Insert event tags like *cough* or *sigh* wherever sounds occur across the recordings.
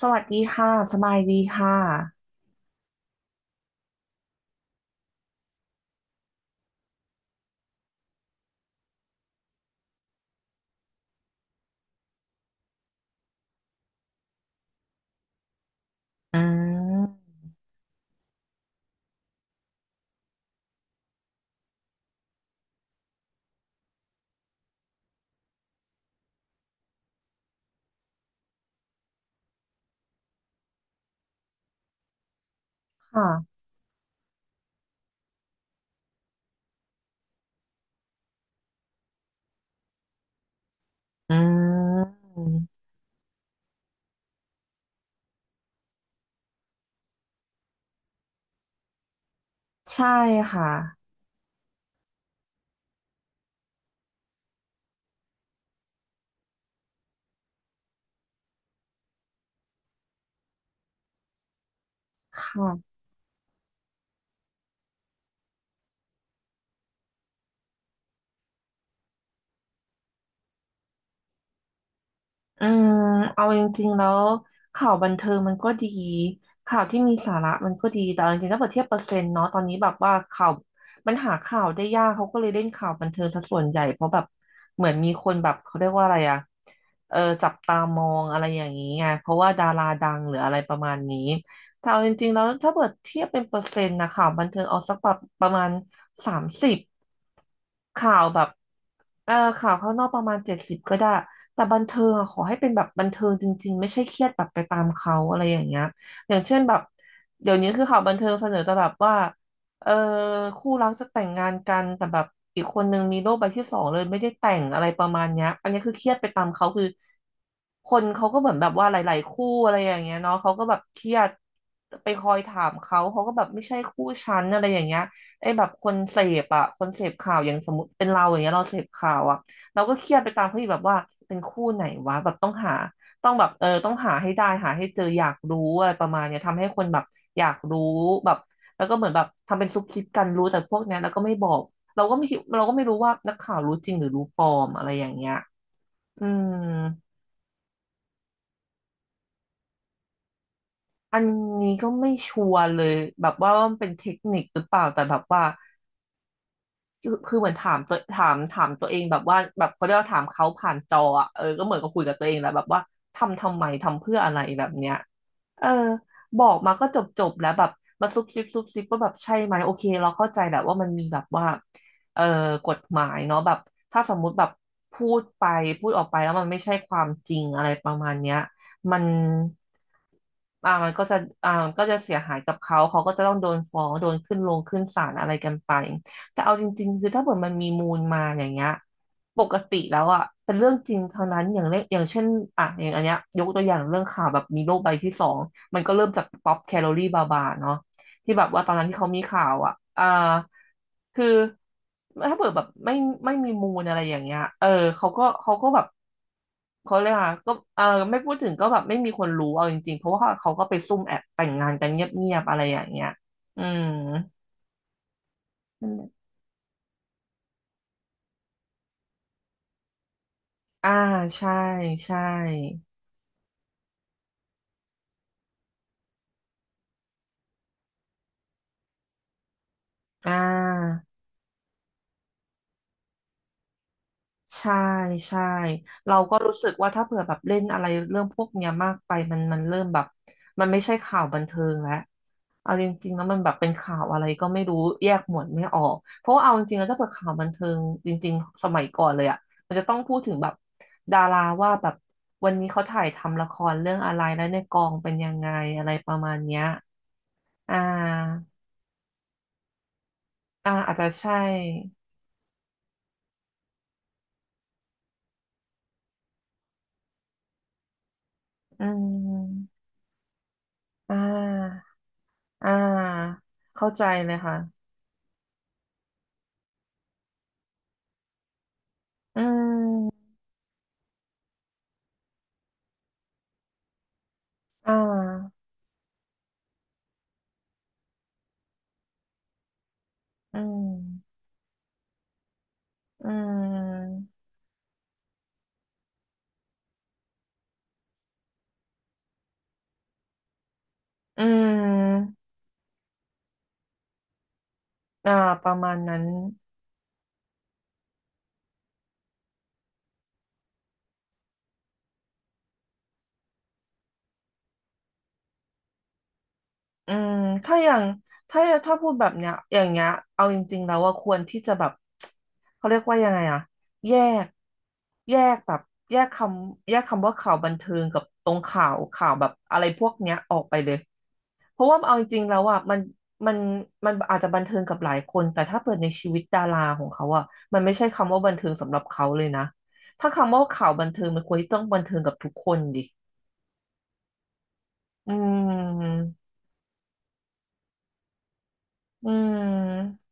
สวัสดีค่ะสบายดีค่ะอืมค่ะอืมใช่ค่ะค่ะ อืมเอาจริงๆแล้วข่าวบันเทิงมันก็ดีข่าวที่มีสาระมันก็ดีแต่เอาจริงๆถ้าเปรียบเทียบเปอร์เซ็นต์เนาะตอนนี้แบบว่าข่าวมันหาข่าวได้ยากเขาก็เลยเล่นข่าวบันเทิงซะส่วนใหญ่เพราะแบบเหมือนมีคนแบบเขาเรียกว่าอะไรอะเออจับตามองอะไรอย่างนี้ไงเพราะว่าดาราดังหรืออะไรประมาณนี้แต่เอาจริงๆแล้วถ้าเปรียบเทียบเป็นเปอร์เซ็นต์นะข่าวบันเทิงเอาสักแบบประมาณสามสิบข่าวแบบเออข่าวข้างนอกประมาณเจ็ดสิบก็ได้ แต่บันเทิงอะขอให้เป็นแบบบันเทิงจริงๆไม่ใช่เครียดแบบไปตามเขาอะไรอย่างเงี้ยอย่างเช่นแบบเดี๋ยวนี้คือข่าวบันเทิงเสนอแต่แบบว่าเออคู่รักจะแต่งงานกันแต่แบบอีกคนนึงมีโรคใบที่สองเลยไม่ได้แต่งอะไรประมาณเนี้ยอันนี้คือเครียดไปตามเขาคือคนเขาก็เหมือนแบบว่าหลายๆคู่อะไรอย่างเงี้ยเนาะเขาก็แบบเครียดไปคอยถามเขาเขาก็แบบไม่ใช่คู่ฉันอะไรอย่างเงี้ยไอ้แบบคนเสพอะคนเสพข่าวอย่างสมมติเป็นเราอย่างเงี้ยเราเสพข่าวอะ เราก็เครียดไปตามเฮ้ยแบบว่าเป็นคู่ไหนวะแบบต้องหาต้องแบบเออต้องหาให้ได้หาให้เจออยากรู้อะไรประมาณเนี้ยทำให้คนแบบอยากรู้แบบแล้วก็เหมือนแบบทำเป็นซุบซิบกันรู้แต่พวกเนี้ยแล้วก็ไม่บอกเราก็ไม่คิดเราก็ไม่รู้ว่านักข่าวรู้จริงหรือรู้ปลอมอะไรอย่างเงี้ยอืมอันนี้ก็ไม่ชัวร์เลยแบบว่ามันเป็นเทคนิคหรือเปล่าแต่แบบว่าคือเหมือนถามตัวถามตัวเองแบบว่าแบบเขาเรียกว่าถามเขาผ่านจออะเออก็เหมือนกับคุยกับตัวเองแหละแบบว่าทำไมทำเพื่ออะไรแบบเนี้ย เออบอกมาก็จบแล้วแบบมาซุบซิบซุบซิบว่าแบบใช่ไหมโอเคเราเข้าใจแหละว่ามันมีแบบว่าเออกฎหมายเนาะแบบถ้าสมมุติแบบพูดไปพูดออกไปแล้วมันไม่ใช่ความจริงอะไรประมาณเนี้ยมันอ่ามันก็จะอ่ามันก็จะเสียหายกับเขาเขาก็จะต้องโดนฟ้องโดนขึ้นลงขึ้นศาลอะไรกันไป แต่เอาจริงๆคือถ้าเกิดมันมีมูลมาอย่างเงี้ยปกติแล้วอ่ะเป็นเรื่องจริงเท่านั้นอย่างเล็กอย่างเช่นอ่ะอย่างอันเนี้ยยกตัวอย่างเรื่องข่าวแบบมีโรคใบที่สองมันก็เริ่มจากป๊อปแคลอรี่บาบาเนาะที่แบบว่าตอนนั้นที่เขามีข่าวอ่ะอ่าคือถ้าเกิดแบบไม่มีมูลอะไรอย่างเงี้ยเออเขาก็แบบเขาเลยกอ่ะก็เออไม่พูดถึงก็แบบไม่มีคนรู้เอาจริงๆเพราะว่าเขาก็ไปซุ่มแอบแต่งงานกันเงียบๆอะไรอย่างเงี้ยอืม อ่าใช่ใช่อ่าใช่ใช่เราก็รู้สึกว่าถ้าเผื่อแบบเล่นอะไรเรื่องพวกเนี้ยมากไปมันเริ่มแบบมันไม่ใช่ข่าวบันเทิงแล้วเอาจริงๆแล้วมันแบบเป็นข่าวอะไรก็ไม่รู้แยกหมวดไม่ออกเพราะว่าเอาจริงๆแล้วถ้าเผื่อข่าวบันเทิงจริงๆสมัยก่อนเลยอ่ะมันจะต้องพูดถึงแบบดาราว่าแบบวันนี้เขาถ่ายทำละครเรื่องอะไรแล้วในกองเป็นยังไงอะไรประมาณเนี้ยอ่าอ่าอาจจะใช่อืม อ่าอ่าเข้าใจเลยค่ะอืมอ่าอืมอืมอืมอ่าประมาณนั้นอืมถ้าอย่างถ้าพูดแบบเนี้ยอย่างเงี้ยเอาจริงๆแล้วว่าควรที่จะแบบเขาเรียกว่ายังไงอะแยกแยกแบบแยกคแยกคำว่าข่าวบันเทิงกับตรงข่าวข่าวแบบอะไรพวกเนี้ยออกไปเลย เพราะว่าเอาจริงๆแล้วอ่ะมันมันอาจจะบันเทิงกับหลายคนแต่ถ้าเปิดในชีวิตดาราของเขาอ่ะมันไม่ใช่คำว่าบันเทิงสำหรับเขาเลยนะถ้าคำว่าข่าวบันเทิงมันควรที่ต้องบันเทิงกับทุกคนดิอืมอืม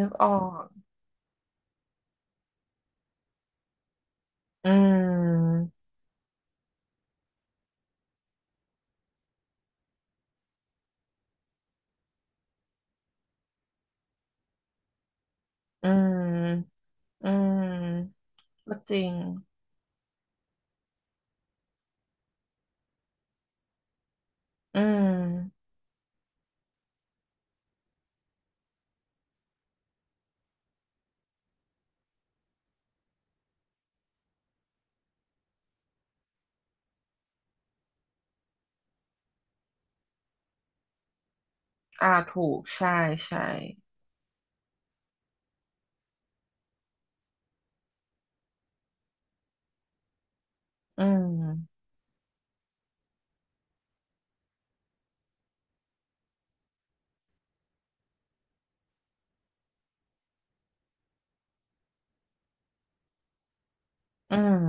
นึกออกอืมอืมอืมก็จริงอืมอ่าถูกใช่ใช่อืมอืม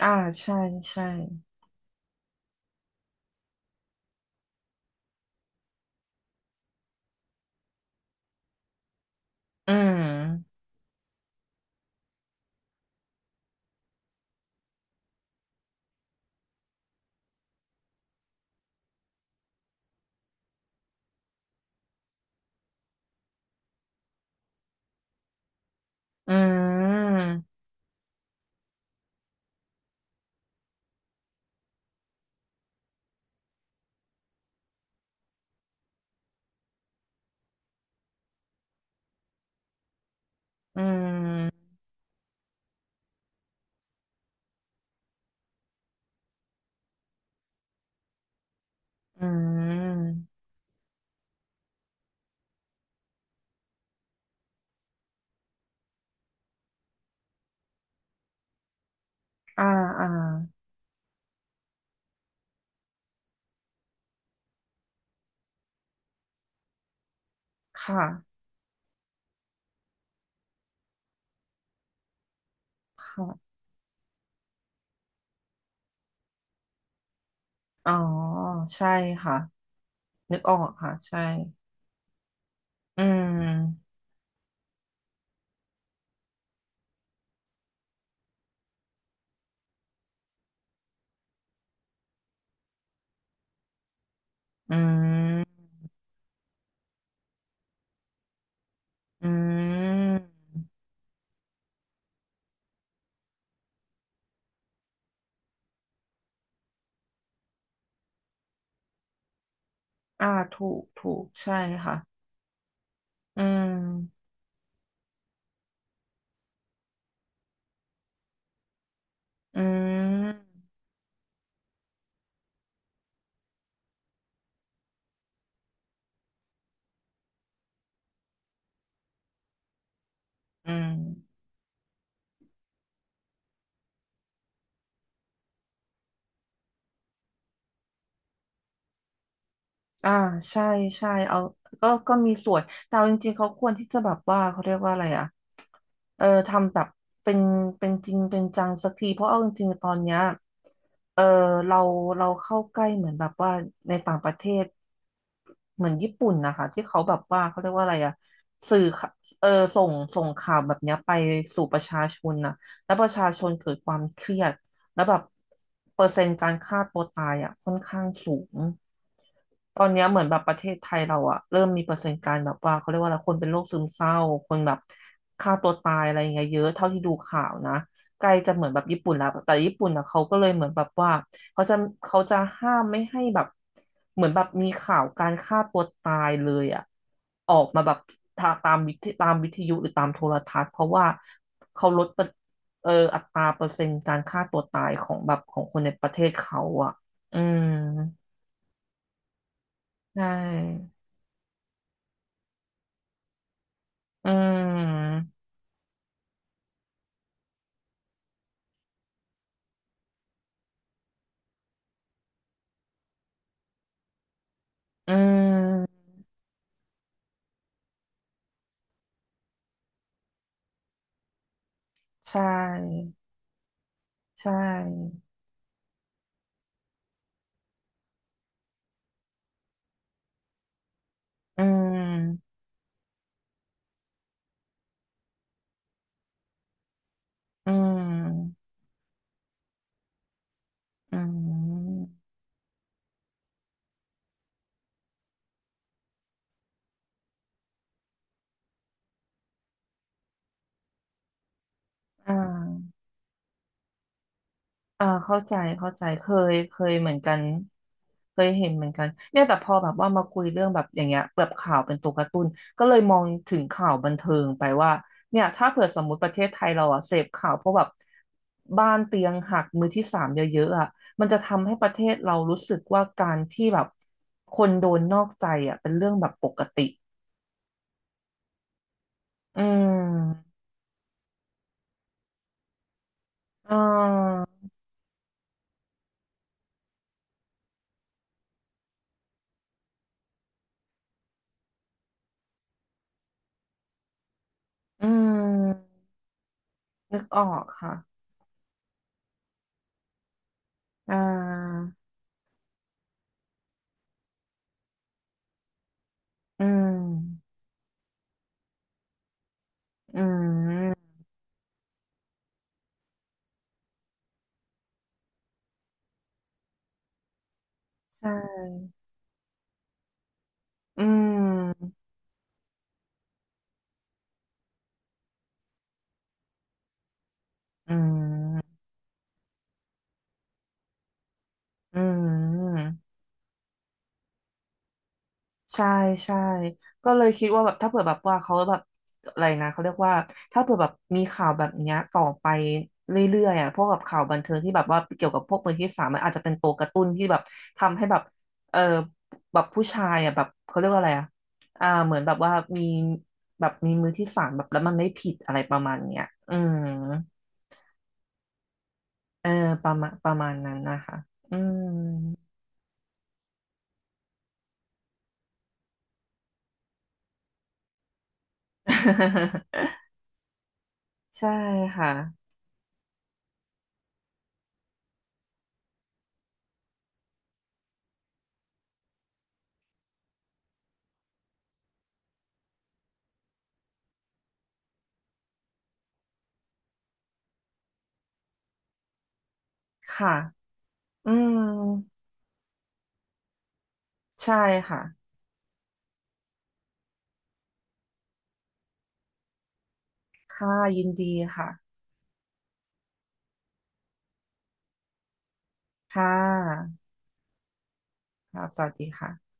อ่าใช่ใช่อืมอืมอืม อืมอ่าอ่าค่ะค่ะอ๋อใช่ค่ะ นึกออกค่ะใช่ อืมอืมอืมอ่าถูกถูกใช่ค่ะ อืมอืมอืม อ่าใช่ใช่เอาก็มีส่วนแต่เอาจริงๆเขาควรที่จะแบบว่าเขาเรียกว่าอะไรอ่ะทำแบบเป็นเป็นจริงเป็นจังสักทีเพราะเอาจริงๆตอนเนี้ยเออเราเราเข้าใกล้เหมือนแบบว่าในต่างประเทศเหมือนญี่ปุ่นนะคะที่เขาแบบว่าเขาเรียกว่าอะไรอ่ะสื่อข่าเออส่งข่าวแบบเนี้ยไปสู่ประชาชนนะแล้วประชาชนเกิดความเครียด แล้วแบบเปอร์เซ็นต์การฆ่าตัวตายอ่ะค่อนข้างสูงตอนเนี้ยเหมือนแบบประเทศไทยเราอ่ะเริ่มมีเปอร์เซ็นต์การแบบว่าเขาเรียกว่าอะไรคนเป็นโรคซึมเศร้าคนแบบฆ่าตัวตายอะไรอย่างเงี้ยเยอะเท่าที่ดูข่าวนะ ไกลจะเหมือนแบบญี่ปุ่นแล้วแต่ญี่ปุ่นนะเขาก็เลยเหมือนแบบว่าเขาจะเขาจะห้ามไม่ให้แบบเหมือนแบบมีข่าวการฆ่าตัวตายเลยอ่ะออกมาแบบทาตามวิทยุหรือตามโทรทัศน์เพราะว่าเขาลดเปอร์อัตราเปอร์เซ็นต์การฆ่าตัวตายของคนในประเทศเขาอ่ะอืมใช่อืมอืมใช่ใช่อืมอืมอืมอ่า เข้าใจเข้าใจเคยเหมือนกันเคยเห็นเหมือนกันเนี่ยแต่พอแบบว่ามาคุยเรื่องแบบอย่างเงี้ยแบบข่าวเป็นตัวการ์ตูนก็เลยมองถึงข่าวบันเทิงไปว่าเนี่ยถ้าเผื่อสมมติประเทศไทยเราอะเสพข่าวเพราะแบบบ้านเตียงหักมือที่สามเยอะๆอะมันจะทำให้ประเทศเรารู้สึกว่าการที่แบบคนโดนนอกใจอะเป็นเรื่องแบบปกติอืมอ่าอืมนึกออกค่ะอ่าอืมอืม ใช่อืมอืมอืมใช่ ใช่ก็เลยคิดว่าแบบถ้าเผื่อแบบว่าเขาแบบอะไรนะเขาเรียกว่าถ้าเผื่อแบบมีข่าวแบบเนี้ยต่อไปเรื่อยๆอ่ะพวกแบบข่าวบันเทิงที่แบบว่าเกี่ยวกับพวกมือที่สามมันอาจจะเป็นตัวกระตุ้นที่แบบทำให้แบบเออแบบผู้ชายอ่ะแบบเขาเรียกว่าอะไรอ่ะเหมือนแบบว่ามีแบบมีมือที่สามแบบแล้วมันไม่ผิดอะไรประมาณเนี้ยอืมเออประมาณนั้นนะคะอืม *laughs* ใช่ค่ะ ค่ะ อืมใช่ค่ะ ค่ะยินดีค่ะ ค่ะค่ะสวัสดีค่ะ